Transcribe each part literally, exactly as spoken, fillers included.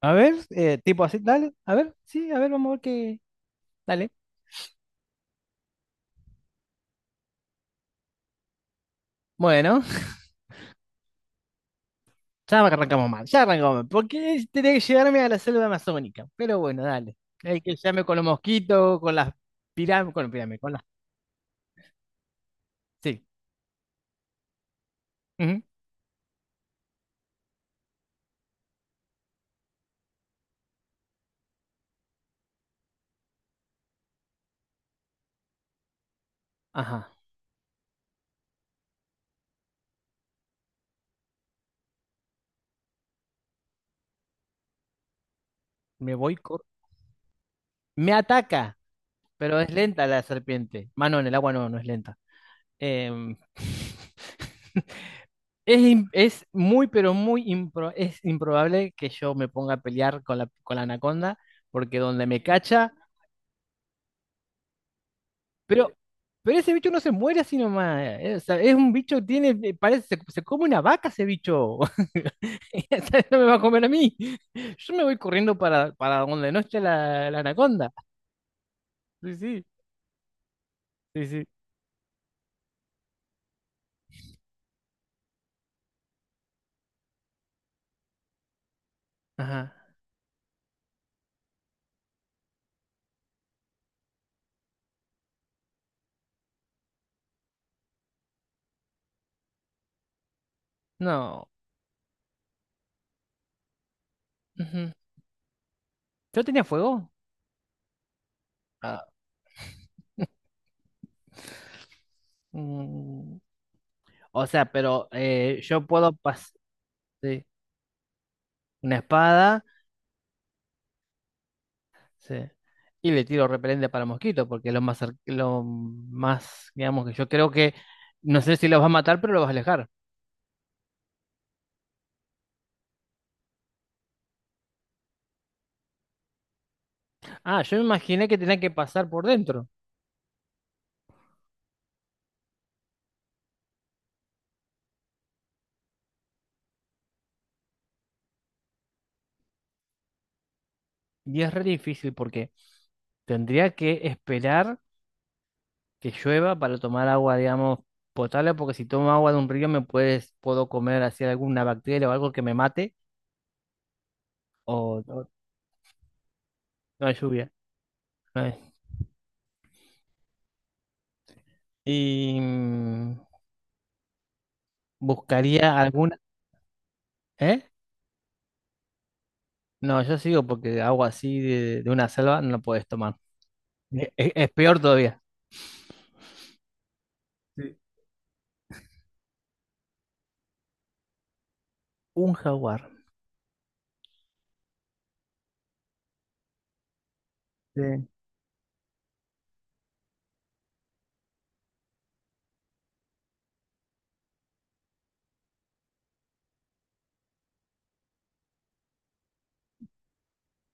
A ver, eh, tipo así, dale, a ver, sí, a ver, vamos a ver qué. Dale. Bueno, ya arrancamos mal, ya arrancamos mal. Porque tenía que llegarme a la selva amazónica. Pero bueno, dale. Hay que llegarme con los mosquitos, con las pirámides, con las pirámides, con las. Sí, ujú. Ajá. Me voy. cor- Me ataca, pero es lenta la serpiente. Mano, en el agua no, no es lenta. Em, Es, im- es muy, pero muy impro- es improbable que yo me ponga a pelear con la, con la anaconda, porque donde me cacha. Pero, pero ese bicho no se muere así nomás. Eh, o sea, es un bicho que tiene, eh, parece, se, se come una vaca ese bicho. Ese no me va a comer a mí. Yo me voy corriendo para, para donde no esté la, la anaconda. Sí, sí, sí, sí. Ajá. No, ujú. ¿Yo tenía fuego? Ah, mm, o sea, pero eh, yo puedo pasar una espada. Sí. Y le tiro repelente para mosquitos, porque es lo más, cer- lo más, digamos, que yo creo que, no sé si los va a matar, pero los vas a alejar. Ah, yo me imaginé que tenía que pasar por dentro. Y es re difícil porque tendría que esperar que llueva para tomar agua, digamos, potable, porque si tomo agua de un río me puedes, puedo comer así alguna bacteria o algo que me mate, o, o- no hay lluvia. No hay. Y mm, buscaría alguna, ¿eh? No, yo sigo porque agua así de, de una selva no la podés tomar. E- e- Es peor todavía. Sí. Un jaguar. Sí.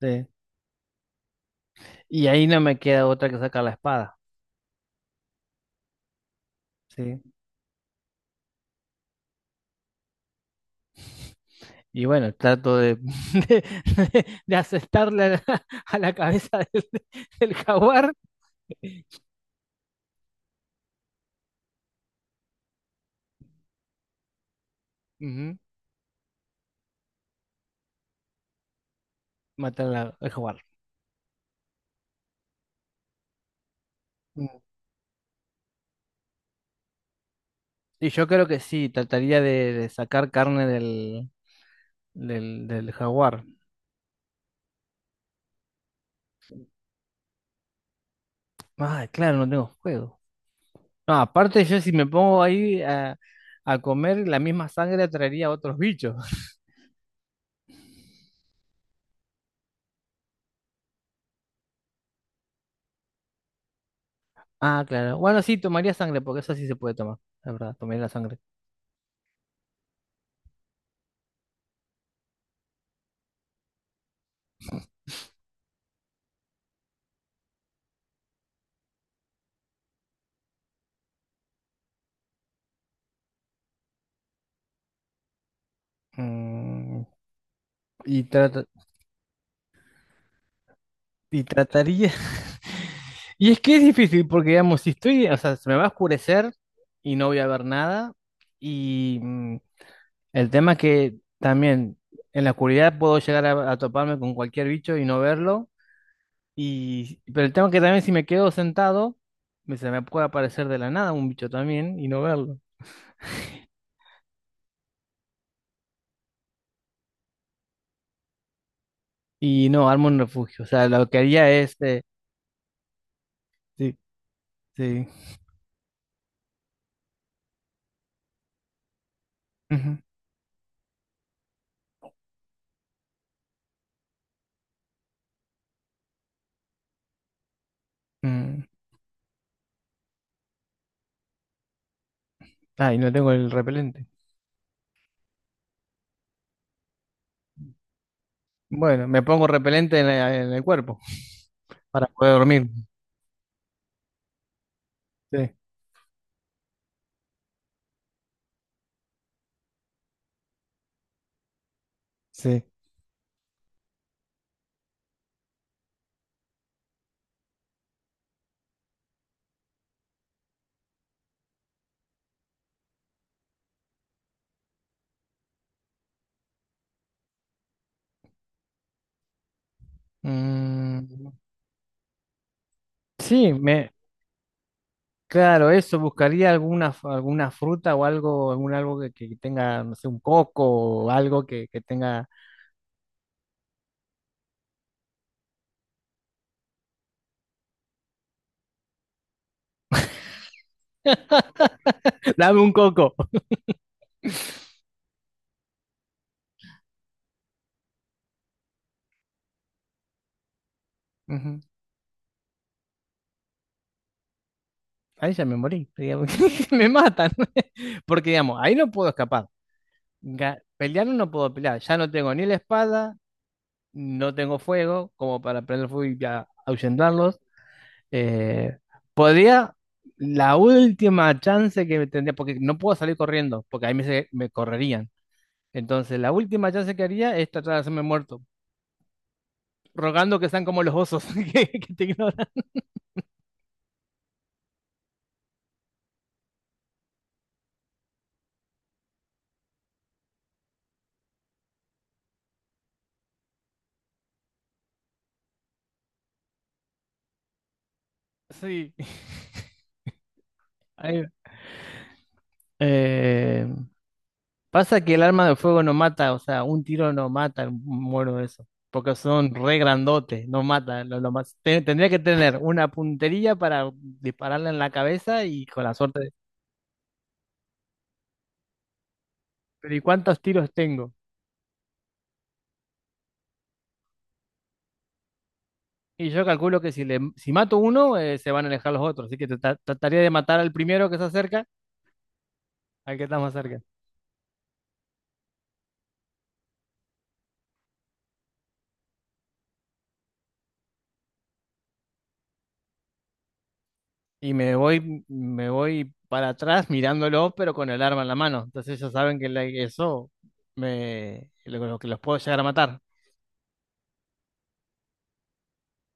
Sí. Y ahí no me queda otra que sacar la espada. Sí. Y bueno, trato de, de, de- de acertarle a la, a la cabeza del, del jaguar. Ujú. Matar la- al jaguar. Mm. Y yo creo que sí, trataría de, de sacar carne del, del, del jaguar. Ah, claro, no tengo fuego. No, aparte yo si me pongo ahí a, a comer la misma sangre atraería a otros bichos. Ah, claro. Bueno, sí, tomaría sangre, porque eso sí se puede tomar, la verdad, tomaría la sangre. Mm, y trata- y trataría. Y es que es difícil, porque digamos, si estoy, o sea, se me va a oscurecer y no voy a ver nada. Y mm, el tema es que también en la oscuridad puedo llegar a, a toparme con cualquier bicho y no verlo. Y, pero el tema es que también si me quedo sentado, me- se me puede aparecer de la nada un bicho también y no verlo. Y no, armo un refugio. O sea, lo que haría es... eh, sí, sí. Ujú, mm. Ah, y no tengo el repelente. Bueno, me pongo repelente en, la- en el cuerpo para poder dormir. Sí, sí. Mm, sí, me... Claro, eso, buscaría alguna, f- alguna fruta o algo, algún algo que, que tenga, no sé, un coco o algo que, que tenga... Dame un coco. Ujú. Ahí ya me morí, digamos, me matan, porque digamos, ahí no puedo escapar. Ga- Pelear no puedo pelear, ya no tengo ni la espada, no tengo fuego como para prender fuego y a- ahuyentarlos. Eh, podría, la última chance que tendría, porque no puedo salir corriendo, porque ahí me, se- me correrían. Entonces, la última chance que haría es tratar de hacerme muerto, rogando que sean como los osos que, que te ignoran. Sí. Ahí- Eh, pasa que el arma de fuego no mata, o sea, un tiro no mata un mono de eso, porque son re grandotes, no mata. Lo, lo más, te- tendría que tener una puntería para dispararle en la cabeza y con la suerte. de- Pero ¿y cuántos tiros tengo? Y yo calculo que si, le, si mato uno, eh, se van a alejar los otros, así que tra- trataría de matar al primero que se acerca, al que está más cerca. Y me voy, me voy para atrás mirándolo, pero con el arma en la mano. Entonces ellos saben que la- eso me, lo, lo que los puedo llegar a matar.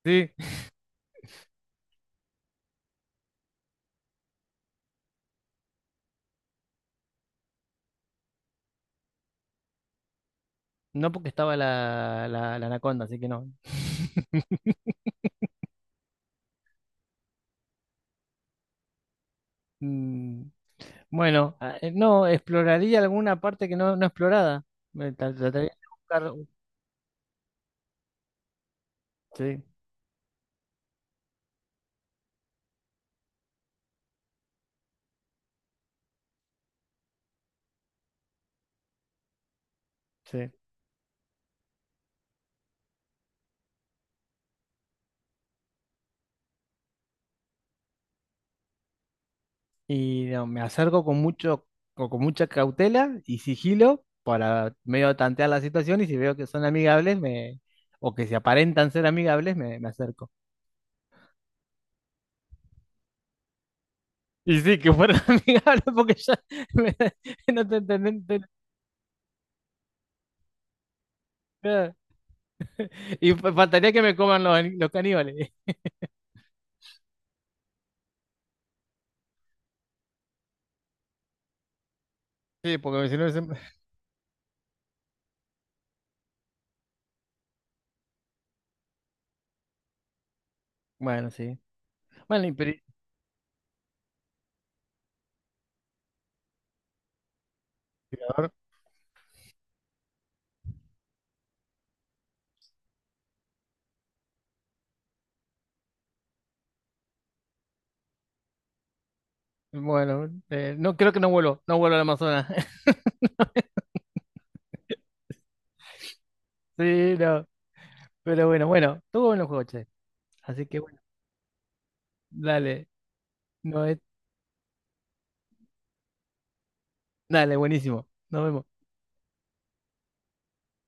Sí. No porque estaba la, la, la anaconda, así que no. Mm, bueno, ah, eh, no, exploraría alguna parte que no, no explorada. Me tra- trataría de buscar. Sí, sí. Y no, me acerco con mucho, con, con mucha cautela y sigilo para medio tantear la situación y si veo que son amigables, me, o que se aparentan ser amigables, me, me acerco. Y sí, que fueran amigables porque ya me- no te entendí. No te- Y fa- faltaría que me coman los, ani- los caníbales. Sí, porque si no es... Bueno, sí. Bueno, Imperiador. Bueno, eh, no creo que no vuelo, no vuelo al Amazonas. Sí, no. Pero bueno, bueno, tuvo buenos juegos, che. Así que bueno, dale. No es... Dale, buenísimo. Nos vemos.